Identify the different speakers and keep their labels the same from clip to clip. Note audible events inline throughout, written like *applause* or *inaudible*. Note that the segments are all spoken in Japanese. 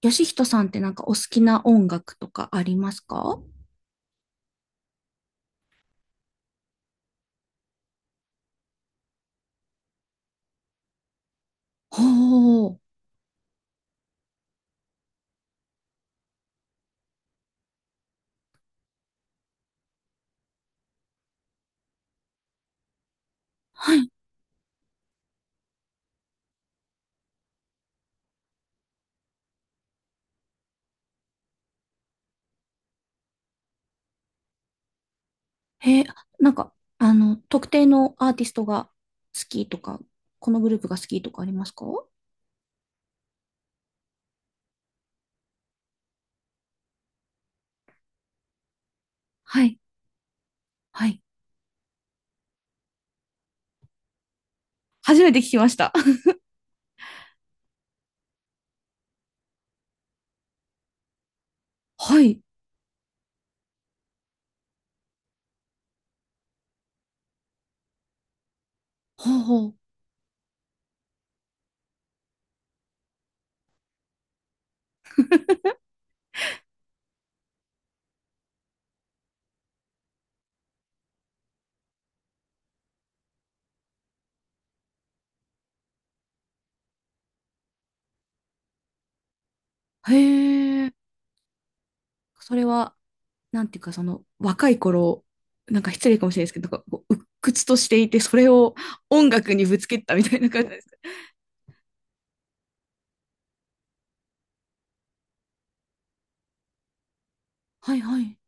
Speaker 1: ヨシヒトさんってお好きな音楽とかありますか？ほう。はい。へえ、なんか、特定のアーティストが好きとか、このグループが好きとかありますか？はい。はい。初めて聞きました。*laughs* はい。ほうほう。へえ。それは、なんていうか、その、若い頃、なんか失礼かもしれないですけど、なんかこう、鬱屈としていて、それを音楽にぶつけたみたいな感じなんですか？はいはい。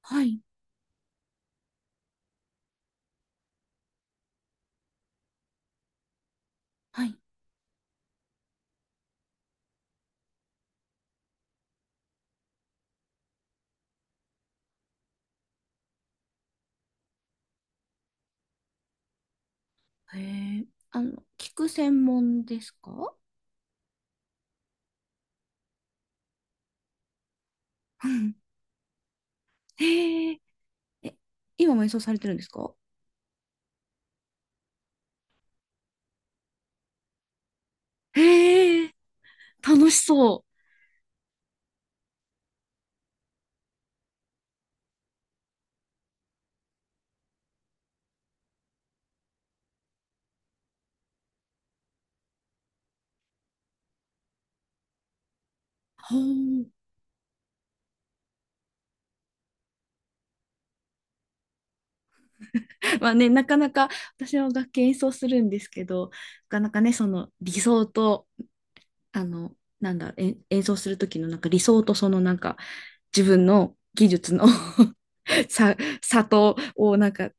Speaker 1: はい。はい。へえ、聞く専門ですか？うん。 *laughs* へえ、え、今も演奏されてるんですか？へえ、楽しそう。ほう。*laughs* まあね、なかなか。私は楽器演奏するんですけど、なかなかね、その理想と、あの、なんだろう、演奏する時のなんか理想とそのなんか自分の技術の *laughs* 差、差とをなんか、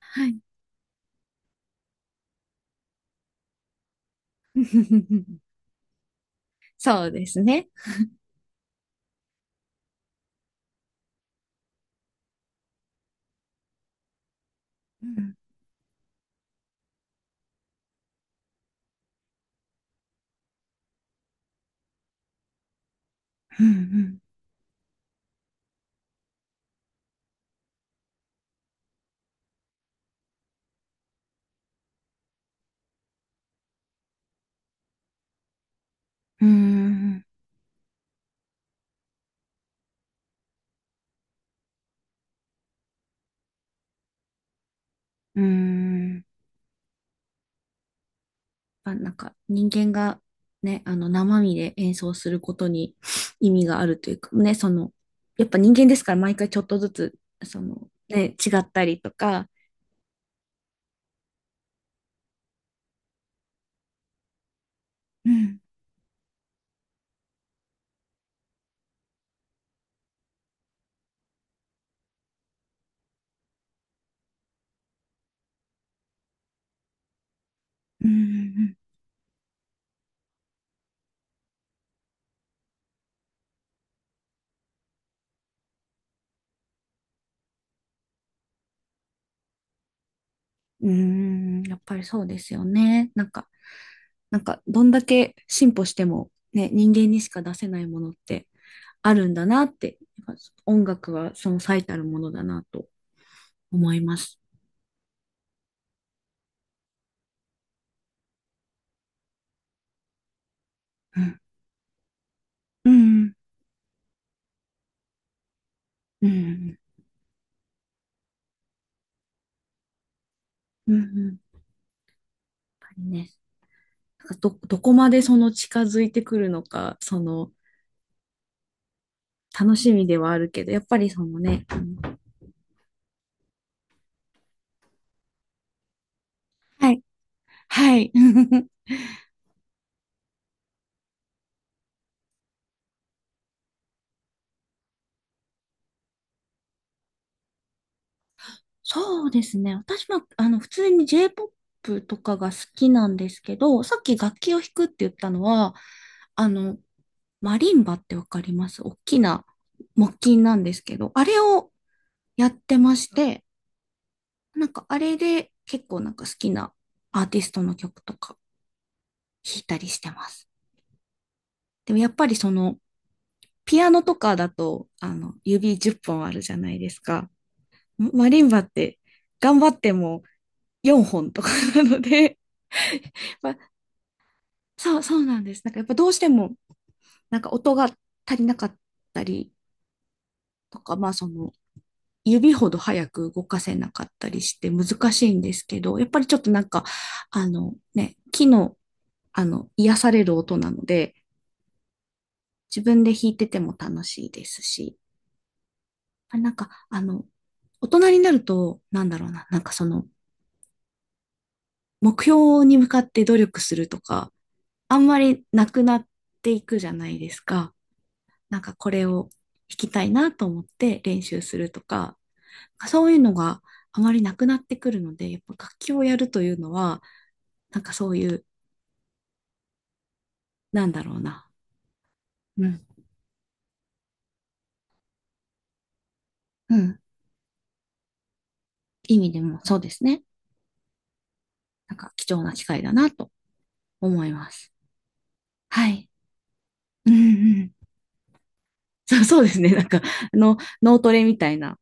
Speaker 1: はい。*laughs* そうですね。うん。うん。うん。うーん。うーん。あ、なんか人間がね、あの生身で演奏することに *sniffs* 意味があるというかね、その、やっぱ人間ですから毎回ちょっとずつ、そのね、違ったりとか、うん、うん、うん、うん、やっぱりそうですよね。なんかどんだけ進歩してもね、人間にしか出せないものってあるんだなって、やっぱ音楽はその最たるものだなと思います。うん、うん、うん、うん、うん、やっぱりね。ど、どこまでその近づいてくるのか、その楽しみではあるけど、やっぱりそのね、あの、はい。はい。*laughs* そうですね。私は、あの、普通に J-POP とかが好きなんですけど、さっき楽器を弾くって言ったのは、あの、マリンバってわかります？大きな木琴なんですけど、あれをやってまして、なんかあれで結構なんか好きなアーティストの曲とか弾いたりしてます。でもやっぱりその、ピアノとかだと、あの、指10本あるじゃないですか。マリンバって頑張っても4本とかなので、*laughs* まあ、そう、そうなんです。なんかやっぱどうしても、なんか音が足りなかったりとか、まあその、指ほど早く動かせなかったりして難しいんですけど、やっぱりちょっとなんか、あのね、木の、あの、癒される音なので、自分で弾いてても楽しいですし、あ、なんか、あの、大人になると、なんだろうな、なんかその、目標に向かって努力するとか、あんまりなくなっていくじゃないですか。なんかこれを弾きたいなと思って練習するとか、そういうのがあまりなくなってくるので、やっぱ楽器をやるというのは、なんかそういう、なんだろうな。うん。うん。意味でもそうですね。なんか貴重な機会だなと思います。はい。うん、うん。そう、そうですね。なんか、あの、脳トレみたいな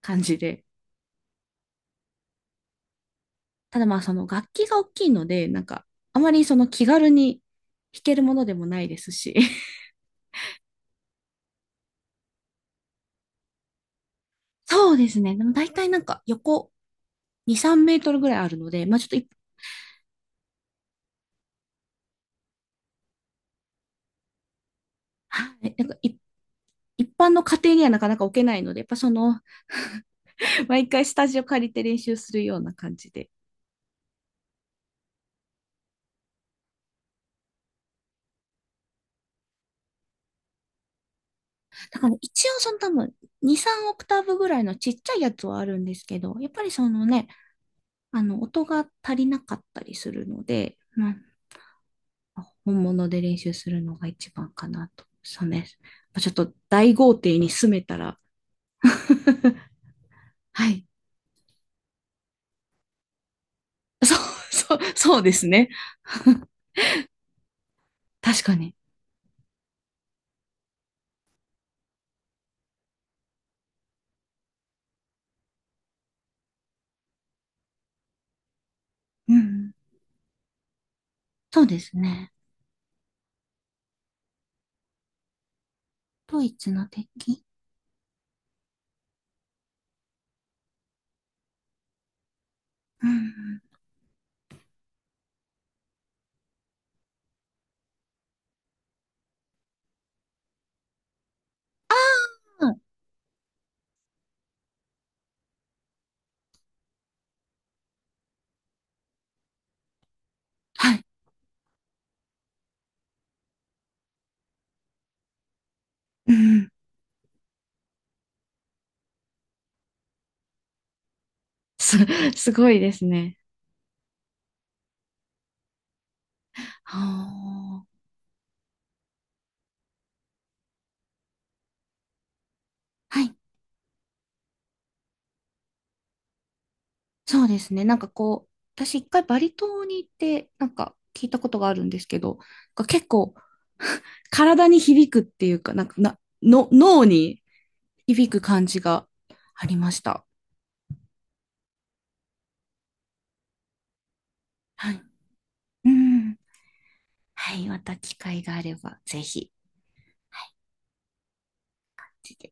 Speaker 1: 感じで。ただまあその楽器が大きいので、なんかあまりその気軽に弾けるものでもないですし。*laughs* そうですね。でも大体なんか横2、3メートルぐらいあるので、まあちょっとい、はい、一般の家庭にはなかなか置けないので、やっぱその、*laughs* 毎回スタジオ借りて練習するような感じで。だから一応その多分2、3オクターブぐらいのちっちゃいやつはあるんですけど、やっぱりそのね、あの音が足りなかったりするので、まあ本物で練習するのが一番かなと。そうね。まちょっと大豪邸に住めたら。*laughs* はい。そう、そう、そうですね。*laughs* 確かに。うん。そうですね。ドイツの敵。うん。ああ、はい。うん。す、すごいですね。はあ。はい。そうですね。なんかこう、私一回バリ島に行って、なんか聞いたことがあるんですけど、なんか結構 *laughs* 体に響くっていうか、なんかな、の、脳に響く感じがありました。はい。うん。はい。また機会があれば、ぜひ。はい。